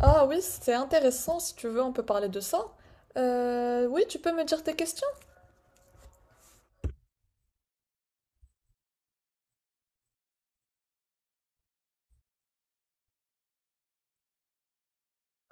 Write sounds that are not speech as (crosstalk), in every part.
Ah oui, c'est intéressant, si tu veux, on peut parler de ça. Oui, tu peux me dire tes questions?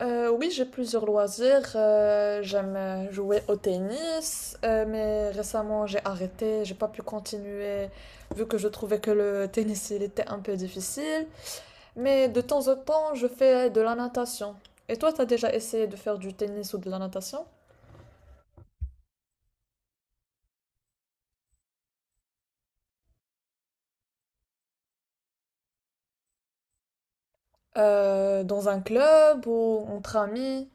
Oui, j'ai plusieurs loisirs. J'aime jouer au tennis, mais récemment j'ai arrêté, j'ai pas pu continuer vu que je trouvais que le tennis il était un peu difficile. Mais de temps en temps, je fais de la natation. Et toi, t'as déjà essayé de faire du tennis ou de la natation? Dans un club ou entre amis?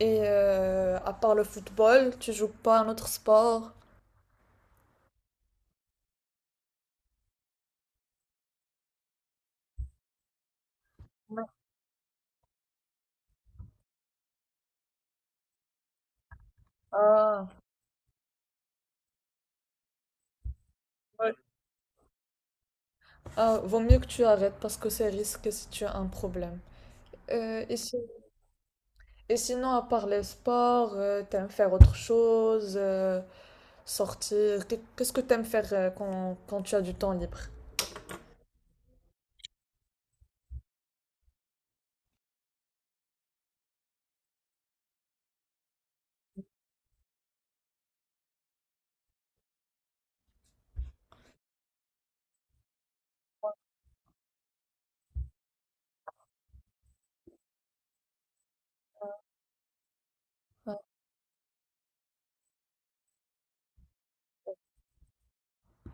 Et à part le football, tu joues pas un autre sport? Non. Ah, ouais. Ah, vaut mieux que tu arrêtes parce que c'est risqué si tu as un problème. Et, si- Et sinon, à part les sports, t'aimes faire autre chose, sortir. Qu'est-ce que t'aimes faire quand, quand tu as du temps libre? Ouais.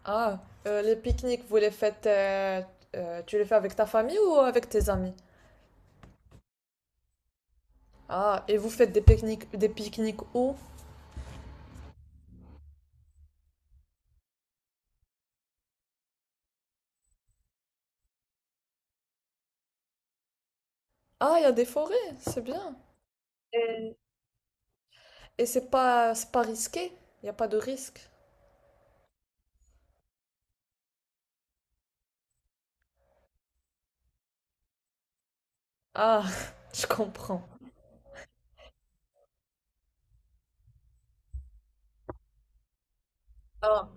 Ah, les pique-niques, tu les fais avec ta famille ou avec tes amis? Ah, et vous faites des pique-niques où? Ah, il y a des forêts, c'est bien. C'est pas risqué? Il n'y a pas de risque? Ah, (laughs) je comprends. Ah,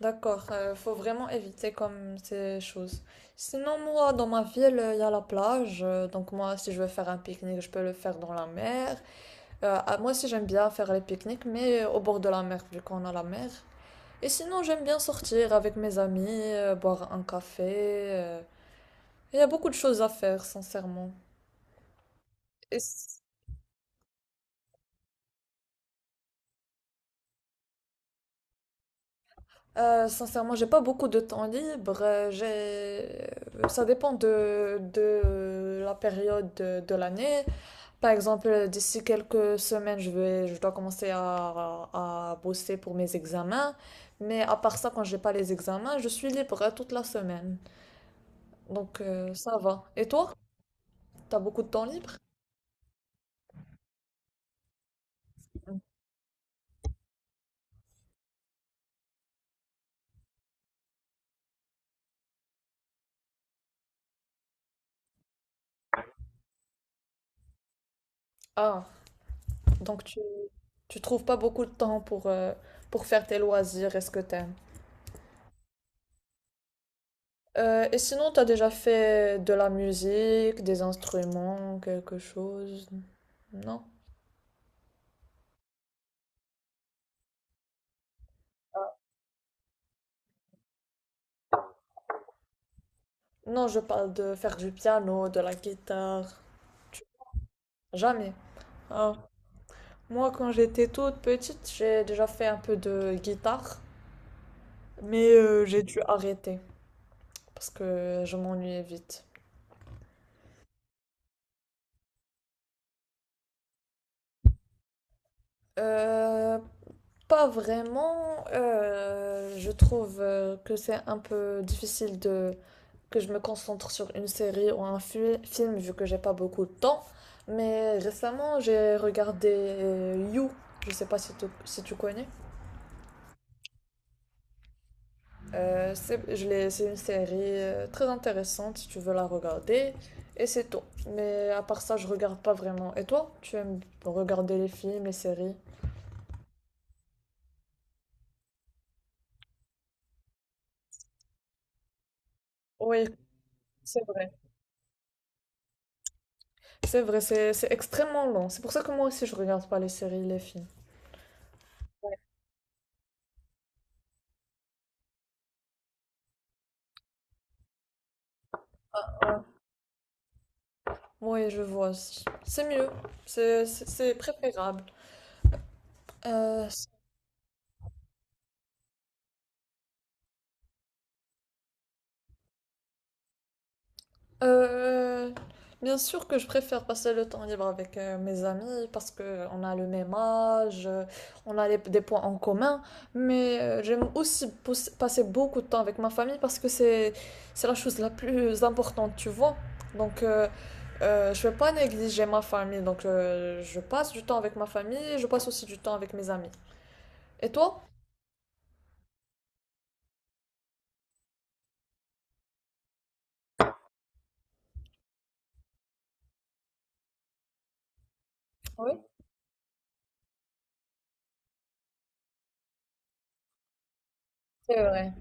d'accord. Faut vraiment éviter comme ces choses. Sinon, moi, dans ma ville, il y a la plage. Donc, moi, si je veux faire un pique-nique, je peux le faire dans la mer. Moi aussi, j'aime bien faire les pique-niques, mais au bord de la mer, vu qu'on a la mer. Et sinon, j'aime bien sortir avec mes amis, boire un café. Il y a beaucoup de choses à faire, sincèrement. Et sincèrement, j'ai pas beaucoup de temps libre. J'ai... Ça dépend de la de l'année. Par exemple, d'ici quelques semaines, je dois commencer à bosser pour mes examens. Mais à part ça, quand j'ai pas les examens, je suis libre toute la semaine. Donc, ça va. Et toi, t'as beaucoup de temps libre? Ah, donc tu, Tu trouves pas beaucoup de temps pour faire tes loisirs et ce que t'aimes. Et sinon, t'as déjà fait de la musique, des instruments, quelque chose? Non. Non, je parle de faire du piano, de la guitare. Tu- Jamais. Ah. Moi, quand j'étais toute petite, j'ai déjà fait un peu de guitare, mais j'ai dû arrêter parce que je m'ennuyais vite. Euh, Pas vraiment. Je trouve que c'est un peu difficile de que je me concentre sur une série ou un film vu que j'ai pas beaucoup de temps. Mais récemment, j'ai regardé You. Je sais pas si tu, si tu connais. C'est une série très intéressante si tu veux la regarder. Et c'est tout. Mais à part ça, je regarde pas vraiment. Et toi, tu aimes regarder les films, les séries? Oui, c'est vrai. C'est vrai, c'est extrêmement long. C'est pour ça que moi aussi, je regarde pas les séries, les films. Oui, je vois. C'est mieux. C'est préférable. Euh, euh, Bien sûr que je préfère passer le temps libre avec mes amis parce que on a le même âge, on a des points en commun, mais j'aime aussi passer beaucoup de temps avec ma famille parce que c'est la chose la plus importante, tu vois. Donc je vais pas négliger ma famille, donc je passe du temps avec ma famille, je passe aussi du temps avec mes amis. Et toi? Oui, c'est vrai.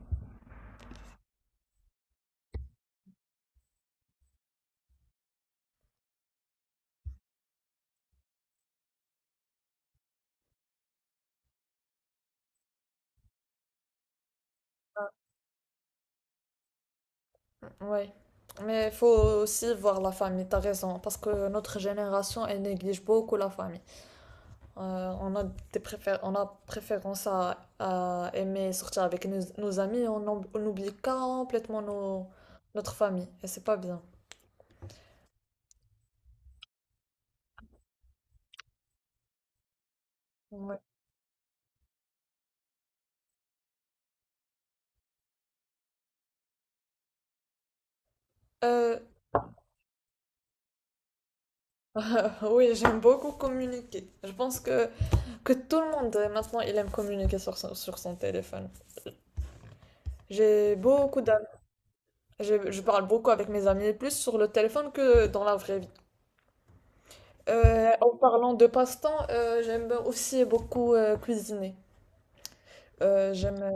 Oui, mais il faut aussi voir la famille, t'as raison, parce que notre génération, elle néglige beaucoup la famille. On a on a préférence à aimer sortir avec nos, nos amis, on oublie complètement notre famille, et c'est pas bien. Ouais. Euh, (laughs) oui, j'aime beaucoup communiquer. Que tout le monde maintenant, il aime communiquer sur son téléphone. J'ai beaucoup d'amis, je parle beaucoup avec mes amis, plus sur le téléphone que dans la vraie vie. En parlant de passe-temps, j'aime aussi beaucoup cuisiner. Euh, j'aime euh,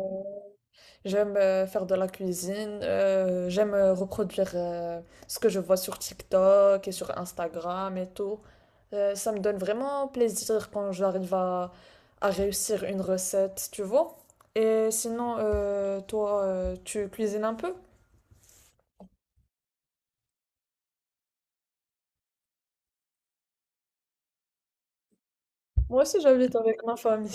J'aime faire de la cuisine, j'aime reproduire ce que je vois sur TikTok et sur Instagram et tout. Ça me donne vraiment plaisir quand j'arrive à réussir une recette, tu vois. Et sinon, toi, tu cuisines un peu? Moi aussi, j'habite avec ma famille.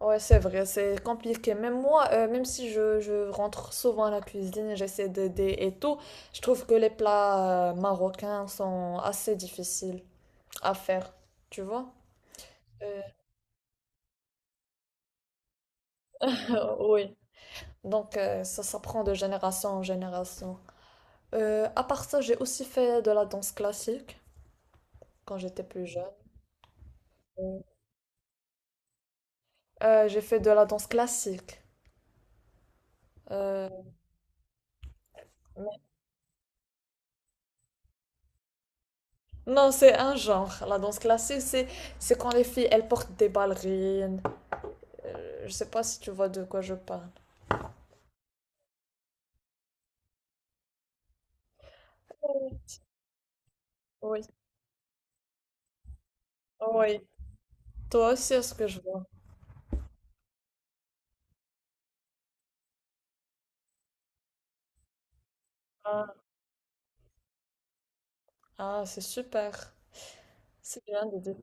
Ouais, c'est vrai, c'est compliqué. Même moi, même si je rentre souvent à la cuisine, j'essaie d'aider et tout, je trouve que les plats marocains sont assez difficiles à faire, tu vois? Euh, (laughs) oui. Donc, ça s'apprend de génération en génération. À part ça, j'ai aussi fait de la danse classique quand j'étais plus jeune. J'ai fait de la danse classique. Euh, non, c'est un genre. La danse classique, c'est quand les filles, elles portent des ballerines. Je sais pas si tu vois de quoi je parle. Oui. Oui. Toi aussi, est-ce que je vois? Ah, ah, c'est super. C'est bien le dessin.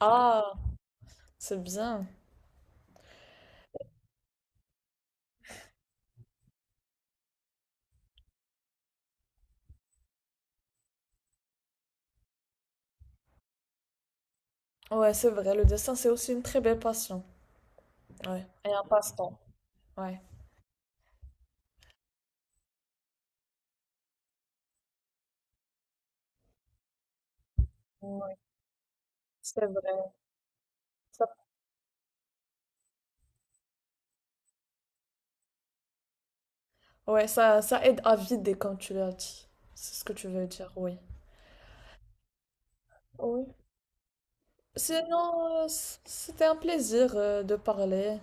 Ah, c'est bien. Ouais, c'est vrai. Le dessin, c'est aussi une très belle passion. Ouais. Et un passe-temps. Ouais. Ouais, c'est vrai. Ça- Ouais, ça aide à vider, comme tu l'as dit. C'est ce que tu veux dire, oui. Oui. Sinon, c'était un plaisir de parler.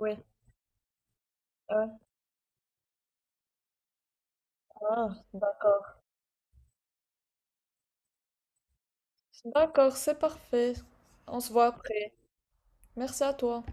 Oui. Ouais. Ah, d'accord. D'accord, c'est parfait. On se voit après. Merci à toi.